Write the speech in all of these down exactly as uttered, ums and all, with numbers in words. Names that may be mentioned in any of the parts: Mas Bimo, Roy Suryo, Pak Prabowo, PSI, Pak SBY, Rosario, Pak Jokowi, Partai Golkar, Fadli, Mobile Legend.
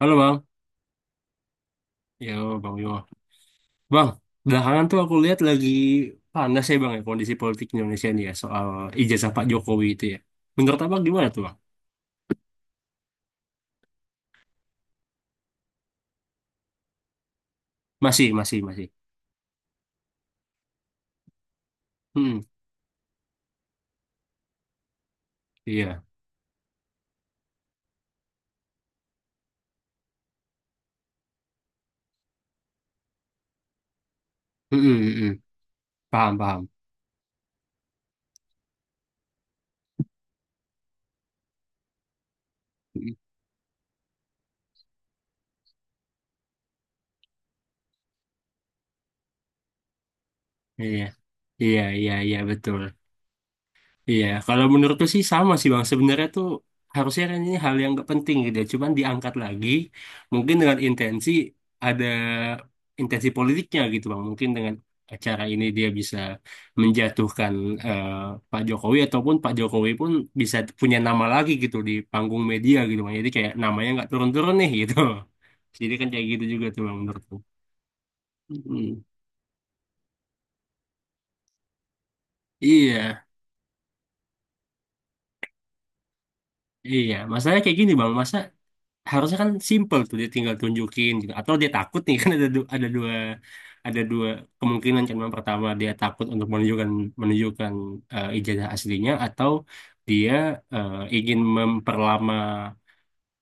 Halo Bang. Ya Bang Yo. Bang, belakangan tuh aku lihat lagi panas ya Bang ya kondisi politik Indonesia nih ya soal ijazah Pak Jokowi itu ya. Menurut Abang gimana tuh Bang? Masih, masih, masih. Hmm, iya. Hmm, hmm, hmm. Paham, paham. Mm-mm. Iya, iya, iya, iya betul. Iya, kalau menurutku sih sama sih Bang. Sebenarnya tuh harusnya kan ini hal yang gak penting gitu ya. Cuman diangkat lagi mungkin dengan intensi ada intensi politiknya gitu Bang. Mungkin dengan acara ini dia bisa menjatuhkan eh, Pak Jokowi ataupun Pak Jokowi pun bisa punya nama lagi gitu di panggung media gitu Bang. Jadi kayak namanya nggak turun-turun nih gitu. Jadi kan kayak gitu juga tuh Bang menurutku. Mm. Iya, iya. Masalahnya kayak gini Bang. Masa harusnya kan simple tuh dia tinggal tunjukin gitu. Atau dia takut nih kan ada du- ada dua ada dua kemungkinan kan yang pertama dia takut untuk menunjukkan menunjukkan eh, ijazah aslinya atau dia eh, ingin memperlama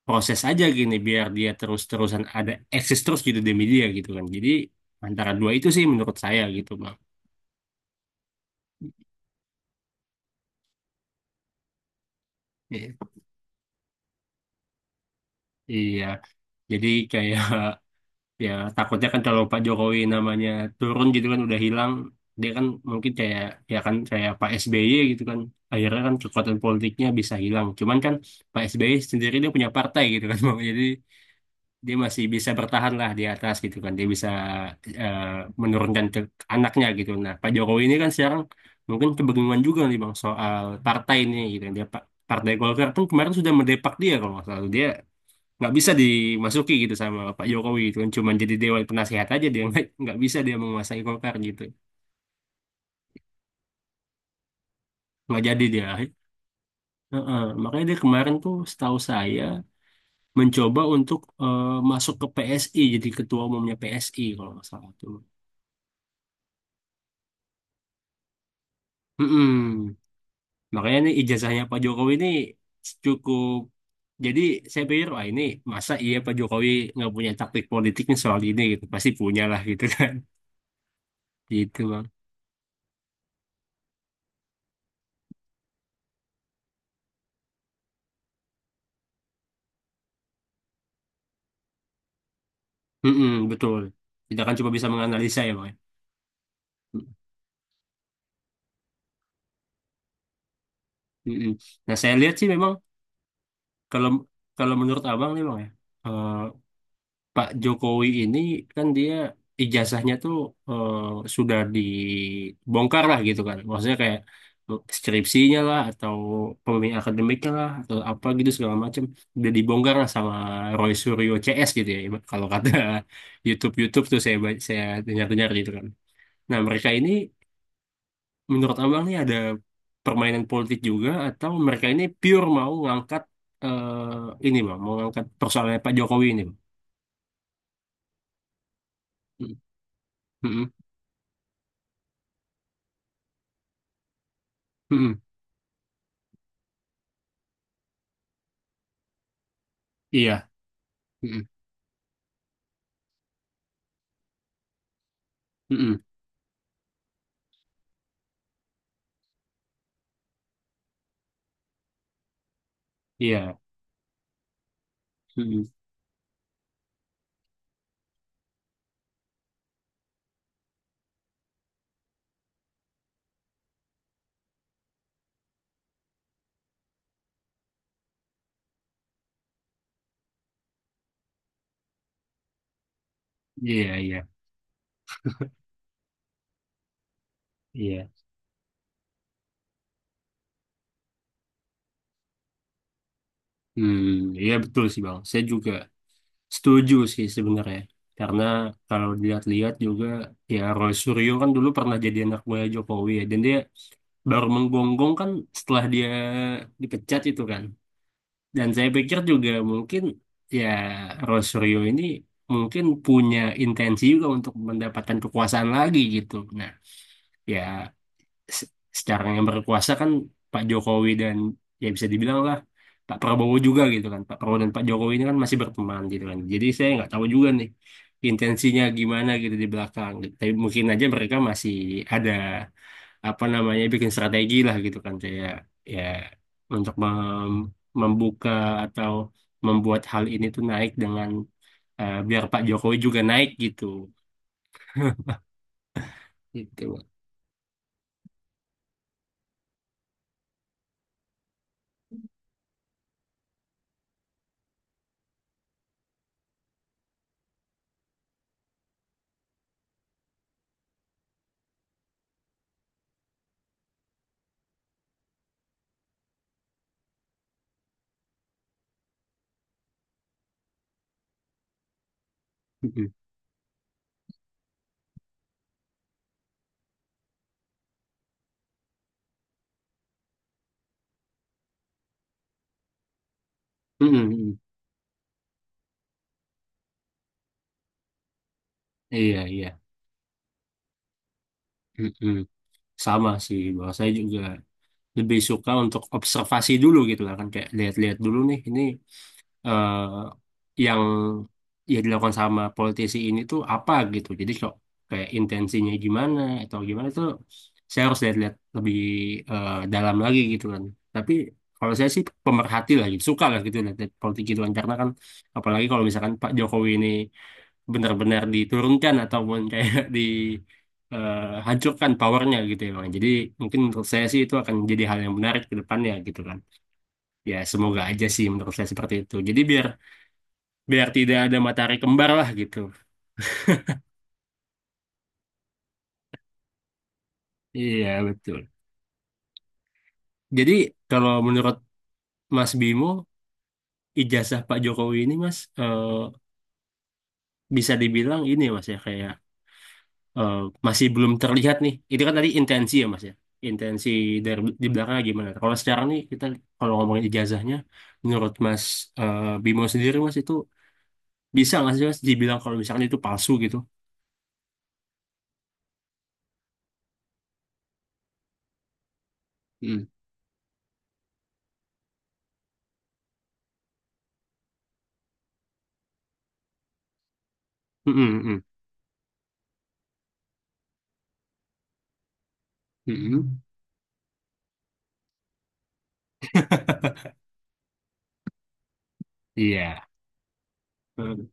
proses aja gini biar dia terus-terusan ada eksis terus gitu demi dia gitu kan. Jadi antara dua itu sih menurut saya gitu Bang. Iya, Iya. Jadi kayak ya takutnya kan kalau Pak Jokowi namanya turun gitu kan udah hilang dia kan mungkin kayak ya kan kayak Pak S B Y gitu kan akhirnya kan kekuatan politiknya bisa hilang cuman kan Pak S B Y sendiri dia punya partai gitu kan bang jadi dia masih bisa bertahan lah di atas gitu kan dia bisa eh, menurunkan ke anaknya gitu nah Pak Jokowi ini kan sekarang mungkin kebingungan juga nih bang soal partai ini gitu kan. Dia Pak Partai Golkar pun kemarin sudah mendepak dia kalau nggak salah dia nggak bisa dimasuki gitu sama Pak Jokowi gitu kan cuman jadi dewan penasehat aja dia nggak nggak bisa dia menguasai Golkar gitu nggak jadi dia. Heeh. Makanya dia kemarin tuh setahu saya mencoba untuk eh, masuk ke P S I jadi ketua umumnya P S I kalau nggak salah tuh. Mm-mm. Makanya nih ijazahnya Pak Jokowi ini cukup jadi saya pikir wah ini masa iya Pak Jokowi nggak punya taktik politiknya soal ini gitu pasti punya lah gitu kan gitu bang. Mm-mm, betul tidak kan cuma bisa menganalisa ya bang ya. Mm-mm. Nah, saya lihat sih memang kalau kalau menurut abang nih bang ya, eh, Pak Jokowi ini kan dia ijazahnya tuh eh, sudah dibongkar lah gitu kan. Maksudnya kayak eh, skripsinya lah atau pembimbing akademiknya lah atau apa gitu segala macam udah dibongkar lah sama Roy Suryo C S gitu ya. Kalau kata YouTube-YouTube tuh saya ba- saya dengar-dengar gitu kan. Nah, mereka ini menurut abang nih ada permainan politik juga atau mereka ini pure mau ngangkat eh, ini bang, mau ngangkat persoalannya Pak Jokowi ini bang. Mm, mm, mm, iya, mm, mm, iya, mm, iya, iya, iya. Hmm, iya betul sih bang. Saya juga setuju sih sebenarnya. Karena kalau dilihat-lihat juga ya Roy Suryo kan dulu pernah jadi anak buah Jokowi ya. Dan dia baru menggonggong kan setelah dia dipecat itu kan. Dan saya pikir juga mungkin ya Rosario ini mungkin punya intensi juga untuk mendapatkan kekuasaan lagi gitu. Nah, ya se- sekarang yang berkuasa kan Pak Jokowi dan ya bisa dibilang lah Pak Prabowo juga gitu kan. Pak Prabowo dan Pak Jokowi ini kan masih berteman gitu kan. Jadi saya nggak tahu juga nih intensinya gimana gitu di belakang. Tapi mungkin aja mereka masih ada apa namanya bikin strategi lah gitu kan kayak ya untuk mem- membuka atau membuat hal ini tuh naik dengan eh, biar Pak Jokowi juga naik gitu gitu. Mm-mm. Mm-mm, mm-mm. Iya iya. Mm-mm. Sama sih bahwa saya juga lebih suka untuk observasi dulu gitu lah kan kayak lihat-lihat dulu nih ini eh, yang ya dilakukan sama politisi ini tuh apa gitu. Jadi kok kayak intensinya gimana atau gimana tuh saya harus lihat-lihat lebih eh, dalam lagi gitu kan. Tapi kalau saya sih pemerhati lah gitu, suka lah gitu lihat politik gitu kan. Karena kan apalagi kalau misalkan Pak Jokowi ini benar-benar diturunkan ataupun kayak di eh, hancurkan powernya gitu ya Bang. Jadi mungkin menurut saya sih itu akan jadi hal yang menarik ke depannya gitu kan. Ya semoga aja sih menurut saya seperti itu. Jadi biar biar tidak ada matahari kembar lah gitu. Iya, betul. Jadi kalau menurut Mas Bimo, ijazah Pak Jokowi ini Mas eh, bisa dibilang ini Mas ya kayak eh, masih belum terlihat nih. Itu kan tadi intensi ya Mas ya. Intensi dari di belakang gimana? Kalau sekarang nih kita kalau ngomongin ijazahnya, menurut Mas eh, Bimo sendiri Mas itu bisa nggak sih Mas dibilang kalau misalkan itu palsu gitu? Hmm. Mm-mm, mm. Mm-mm. Iya. Hmm,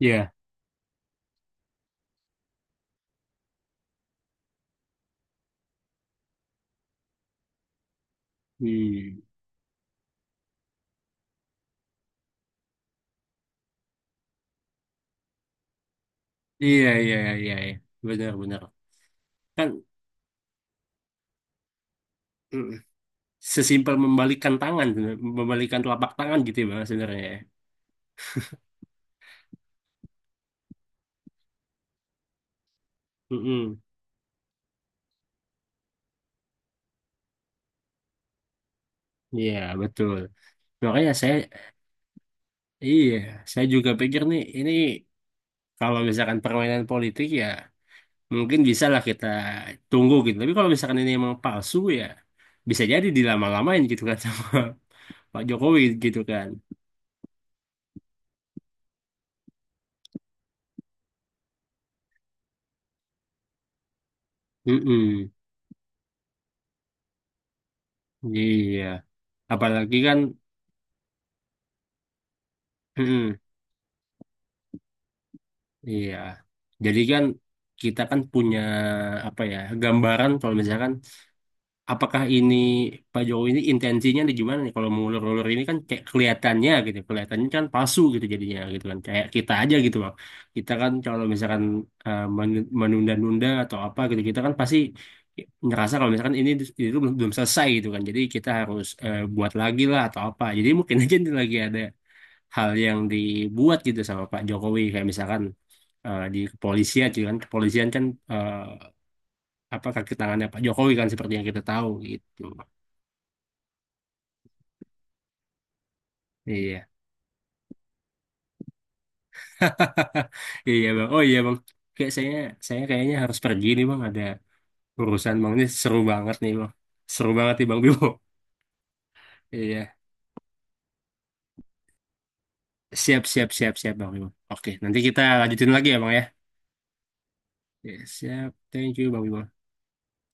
iya. Hmm. Iya, iya, iya, iya. Benar, benar. Kan mm, sesimpel membalikan tangan, sebenarnya. Membalikan telapak tangan gitu ya, Bang, sebenarnya. Ya. Mm-mm. Iya, betul. Makanya saya, iya, saya juga pikir nih, ini kalau misalkan permainan politik ya, mungkin bisa lah kita tunggu gitu. Tapi kalau misalkan ini emang palsu ya, bisa jadi dilama-lamain gitu kan sama Pak Jokowi gitu kan. Mm-mm. Iya, apalagi kan, mm-mm. Iya. Jadi kan kita kan punya apa ya gambaran kalau misalkan apakah ini Pak Jokowi ini intensinya nih gimana nih kalau mengulur-ulur ini kan kayak kelihatannya gitu, kelihatannya kan palsu gitu jadinya gitu kan kayak kita aja gitu loh. Kita kan kalau misalkan eh, men- menunda-nunda atau apa gitu kita kan pasti ngerasa kalau misalkan ini itu belum, belum selesai gitu kan. Jadi kita harus eh, buat lagi lah atau apa. Jadi mungkin aja nih lagi ada hal yang dibuat gitu sama Pak Jokowi kayak misalkan eh, di kepolisian juga kan kepolisian kan eh, apa kaki tangannya Pak Jokowi kan seperti yang kita tahu gitu iya. Iya bang, oh iya bang, kayak saya saya kayaknya harus pergi nih bang, ada urusan bang, ini seru banget nih bang, seru banget nih bang Bimo. Iya, siap siap siap siap bang Bimo, oke, nanti kita lanjutin lagi ya bang ya. Iya, siap, thank you bang Bimo.